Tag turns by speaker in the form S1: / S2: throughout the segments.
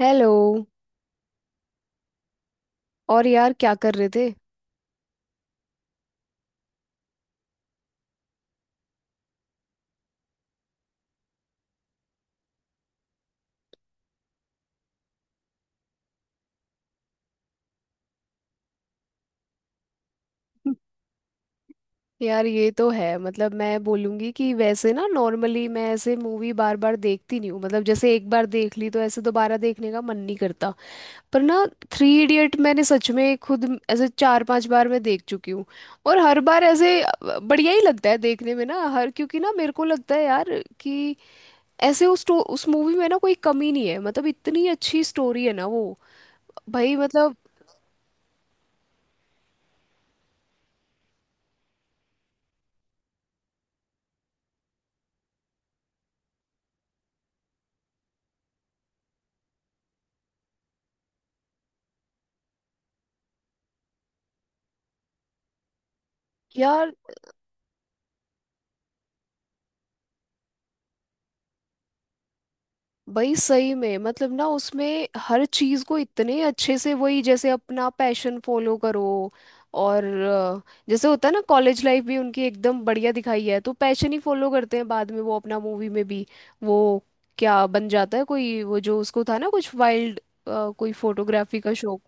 S1: Hello. और यार, क्या कर रहे थे? यार, ये तो है। मतलब मैं बोलूँगी कि वैसे ना, नॉर्मली मैं ऐसे मूवी बार बार देखती नहीं हूँ। मतलब जैसे एक बार देख ली तो ऐसे दोबारा देखने का मन नहीं करता। पर ना, थ्री इडियट मैंने सच में खुद ऐसे 4-5 बार मैं देख चुकी हूँ। और हर बार ऐसे बढ़िया ही लगता है देखने में ना हर, क्योंकि ना मेरे को लगता है यार कि ऐसे उस मूवी में ना कोई कमी नहीं है। मतलब इतनी अच्छी स्टोरी है ना वो। भाई मतलब। यार भाई सही में मतलब ना उसमें हर चीज को इतने अच्छे से, वही जैसे अपना पैशन फॉलो करो और जैसे होता है ना, कॉलेज लाइफ भी उनकी एकदम बढ़िया दिखाई है। तो पैशन ही फॉलो करते हैं बाद में वो, अपना मूवी में भी। वो क्या बन जाता है कोई, वो जो उसको था ना, कुछ वाइल्ड कोई फोटोग्राफी का शौक।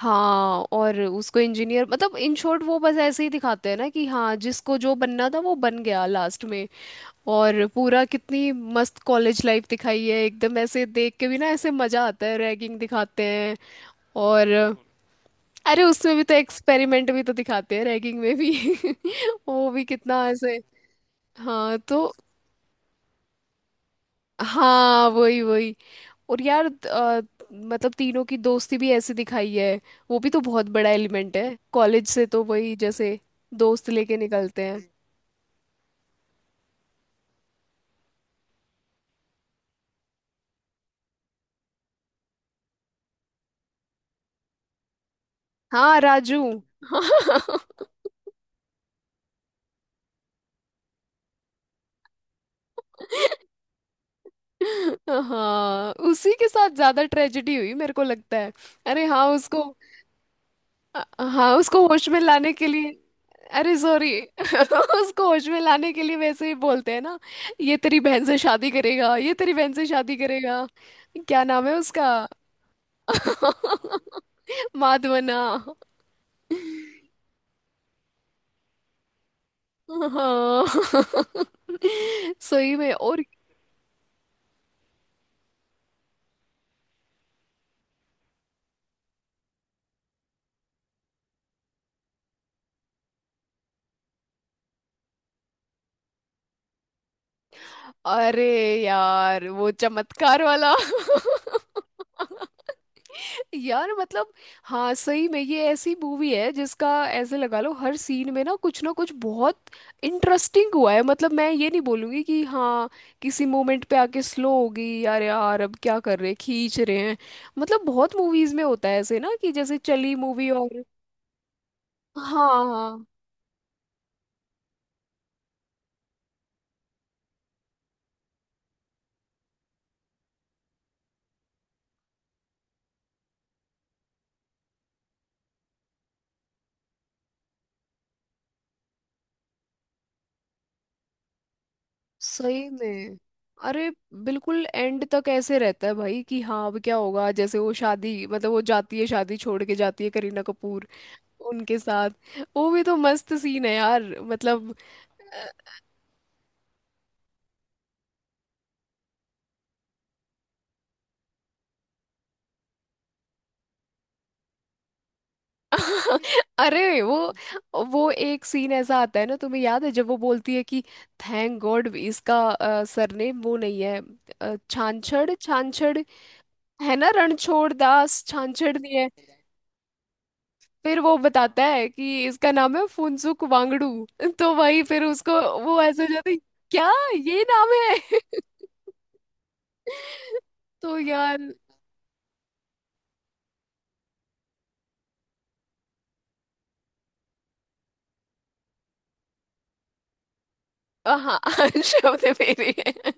S1: हाँ, और उसको इंजीनियर, मतलब इन शॉर्ट वो बस ऐसे ही दिखाते हैं ना कि हाँ, जिसको जो बनना था वो बन गया लास्ट में। और पूरा कितनी मस्त कॉलेज लाइफ दिखाई है, एकदम ऐसे देख के भी ना ऐसे मजा आता है। रैगिंग दिखाते हैं और बिल्कुल। अरे उसमें भी तो एक्सपेरिमेंट भी तो दिखाते हैं रैगिंग में भी वो भी कितना ऐसे। हाँ तो। हाँ, वही वही। और यार मतलब तीनों की दोस्ती भी ऐसे दिखाई है। वो भी तो बहुत बड़ा एलिमेंट है कॉलेज से, तो वही जैसे दोस्त लेके निकलते हैं। हाँ, राजू। हाँ, उसी के साथ ज्यादा ट्रेजेडी हुई मेरे को लगता है। अरे हाँ, उसको, हाँ उसको होश में लाने के लिए, अरे सॉरी उसको होश में लाने के लिए वैसे ही बोलते हैं ना, ये तेरी बहन से शादी करेगा, ये तेरी बहन से शादी करेगा। क्या नाम है उसका? माधवना। हाँ सही में। और अरे यार वो चमत्कार वाला यार मतलब। हाँ सही में, ये ऐसी मूवी है जिसका ऐसे लगा लो हर सीन में ना कुछ बहुत इंटरेस्टिंग हुआ है। मतलब मैं ये नहीं बोलूंगी कि हाँ किसी मोमेंट पे आके स्लो हो गई, यार यार अब क्या कर रहे हैं, खींच रहे हैं। मतलब बहुत मूवीज में होता है ऐसे ना कि जैसे चली मूवी और हाँ हाँ। सही में। अरे बिल्कुल एंड तक ऐसे रहता है भाई कि हाँ अब क्या होगा, जैसे वो शादी, मतलब वो जाती है, शादी छोड़ के जाती है करीना कपूर उनके साथ। वो भी तो मस्त सीन है यार। मतलब अरे वो। वो एक सीन ऐसा आता है ना, तुम्हें याद है जब वो बोलती है कि थैंक गॉड इसका सरनेम वो नहीं है, छांछड़ छांछड़। है ना, रणछोड़ दास छांछड़ नहीं है। फिर वो बताता है कि इसका नाम है फुनसुक वांगडू। तो वही फिर उसको, वो ऐसे हो जाती, क्या ये नाम है? तो यार। हाँ शब्द मेरे हैं।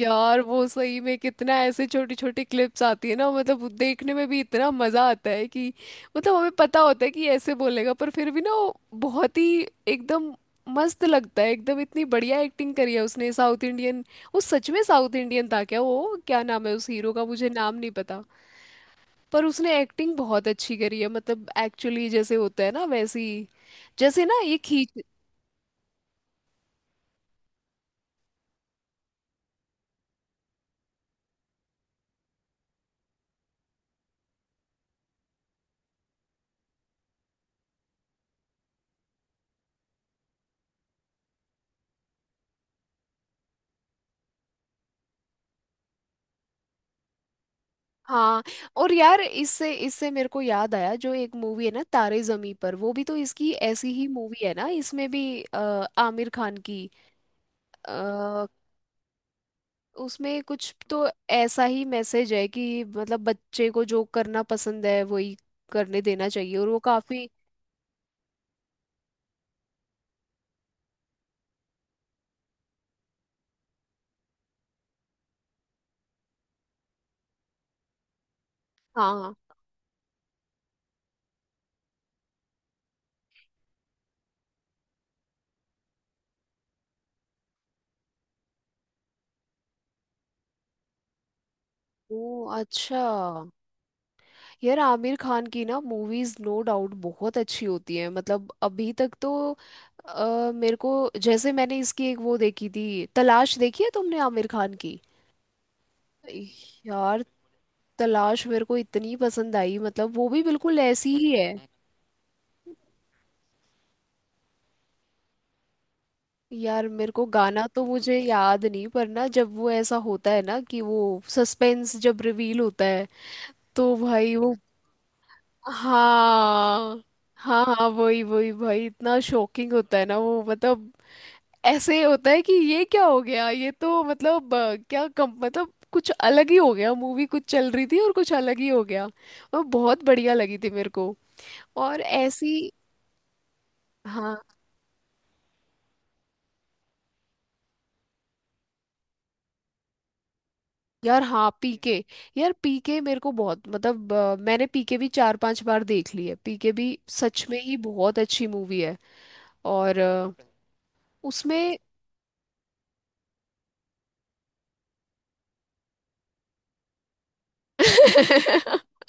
S1: यार वो सही में कितना ऐसे छोटी छोटी क्लिप्स आती है ना, मतलब वो देखने में भी इतना मजा आता है कि मतलब हमें पता होता है कि ऐसे बोलेगा, पर फिर भी ना वो बहुत ही एकदम मस्त लगता है एकदम। इतनी बढ़िया एक्टिंग करी है उसने। साउथ इंडियन, वो सच में साउथ इंडियन था क्या? वो क्या नाम है उस हीरो का, मुझे नाम नहीं पता। पर उसने एक्टिंग बहुत अच्छी करी है। मतलब एक्चुअली जैसे होता है ना वैसी, जैसे ना ये खींच। हाँ और यार इससे इससे मेरे को याद आया जो एक मूवी है ना तारे जमी पर, वो भी तो इसकी ऐसी ही मूवी है ना। इसमें भी आमिर खान की आ, उसमें कुछ तो ऐसा ही मैसेज है कि मतलब बच्चे को जो करना पसंद है वही करने देना चाहिए। और वो काफी, हाँ। ओ अच्छा। यार आमिर खान की ना मूवीज नो डाउट बहुत अच्छी होती है। मतलब अभी तक तो मेरे को, जैसे मैंने इसकी एक वो देखी थी तलाश, देखी है तुमने आमिर खान की? यार तलाश मेरे को इतनी पसंद आई, मतलब वो भी बिल्कुल ऐसी ही है। यार मेरे को गाना तो मुझे याद नहीं, पर ना जब वो ऐसा होता है ना कि वो सस्पेंस जब रिवील होता है तो भाई वो, हाँ हाँ हाँ वही वही भाई, इतना शॉकिंग होता है ना वो। मतलब ऐसे होता है कि ये क्या हो गया, ये तो मतलब क्या कम, मतलब कुछ अलग ही हो गया, मूवी कुछ चल रही थी और कुछ अलग ही हो गया। और बहुत बढ़िया लगी थी मेरे को। और ऐसी, हाँ। यार हाँ पीके। यार पीके मेरे को बहुत, मतलब मैंने पीके भी 4-5 बार देख ली है। पीके भी सच में ही बहुत अच्छी मूवी है। और उसमें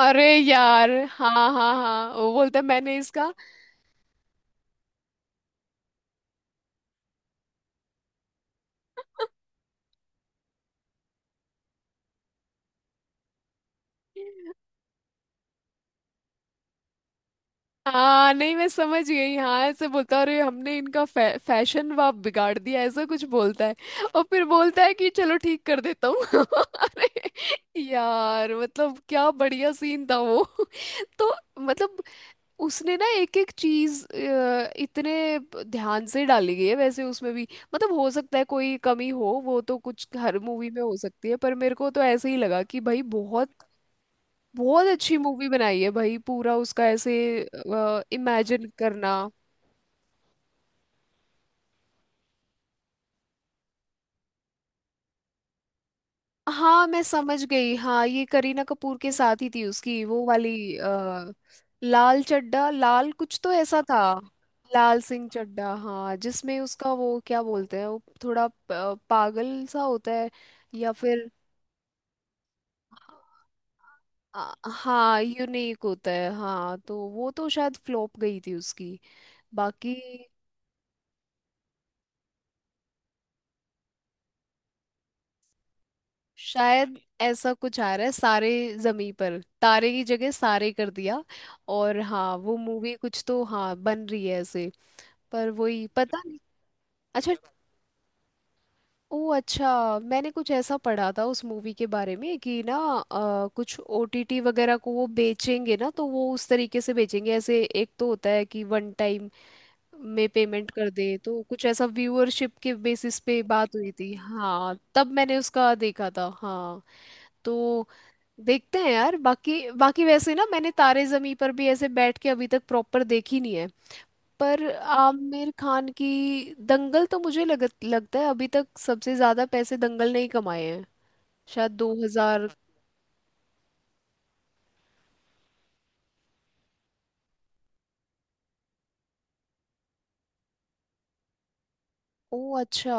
S1: अरे यार, हाँ हाँ हाँ वो बोलता है मैंने इसका, हाँ नहीं मैं समझ गई, हाँ ऐसे बोलता, अरे हमने इनका फैशन वाप बिगाड़ दिया ऐसा कुछ बोलता है। और फिर बोलता है कि चलो ठीक कर देता हूँ अरे यार मतलब क्या बढ़िया सीन था वो तो मतलब उसने ना एक एक चीज इतने ध्यान से डाली गई है वैसे उसमें भी। मतलब हो सकता है कोई कमी हो, वो तो कुछ हर मूवी में हो सकती है, पर मेरे को तो ऐसे ही लगा कि भाई बहुत बहुत अच्छी मूवी बनाई है भाई पूरा उसका ऐसे इमेजिन करना। हाँ मैं समझ गई, हाँ ये करीना कपूर के साथ ही थी उसकी वो वाली। अ, लाल चड्ढा, लाल कुछ तो ऐसा था। लाल सिंह चड्ढा हाँ, जिसमें उसका वो क्या बोलते हैं, वो थोड़ा पागल सा होता है, या फिर हाँ यूनिक होता है। हाँ तो वो तो शायद फ्लॉप गई थी उसकी। बाकी शायद ऐसा कुछ आ रहा है, सारे जमी पर, तारे की जगह सारे कर दिया। और हाँ वो मूवी कुछ तो हाँ बन रही है ऐसे, पर वही पता नहीं। अच्छा। ओ अच्छा, मैंने कुछ ऐसा पढ़ा था उस मूवी के बारे में कि ना कुछ ओटीटी वगैरह को वो बेचेंगे ना, तो वो उस तरीके से बेचेंगे, ऐसे एक तो होता है कि वन टाइम में पेमेंट कर दे, तो कुछ ऐसा व्यूअरशिप के बेसिस पे बात हुई थी, हाँ तब मैंने उसका देखा था हाँ। तो देखते हैं यार। बाकी बाकी वैसे ना मैंने तारे जमी पर भी ऐसे बैठ के अभी तक प्रॉपर देखी नहीं है। पर आमिर खान की दंगल तो मुझे लगता है अभी तक सबसे ज्यादा पैसे दंगल ने ही कमाए हैं, शायद 2000। ओ अच्छा।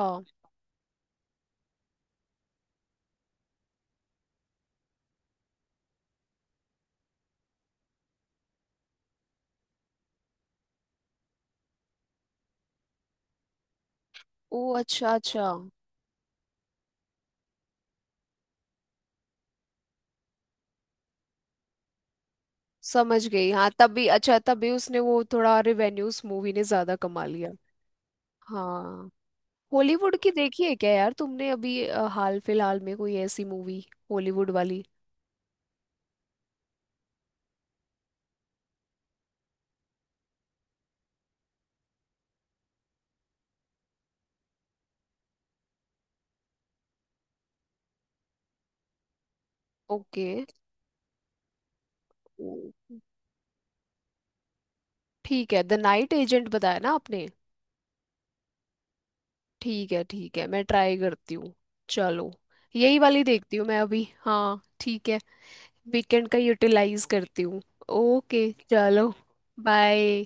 S1: ओ अच्छा अच्छा, समझ गई हाँ, तभी अच्छा, तभी उसने वो थोड़ा रिवेन्यू उस मूवी ने ज्यादा कमा लिया। हाँ। हॉलीवुड की देखी है क्या यार तुमने अभी हाल फिलहाल में कोई ऐसी मूवी, हॉलीवुड वाली? ओके। ठीक है, द नाइट एजेंट बताया ना आपने। ठीक है ठीक है, मैं ट्राई करती हूँ। चलो, यही वाली देखती हूँ मैं अभी हाँ ठीक है। वीकेंड का यूटिलाइज करती हूँ। ओके चलो। बाय।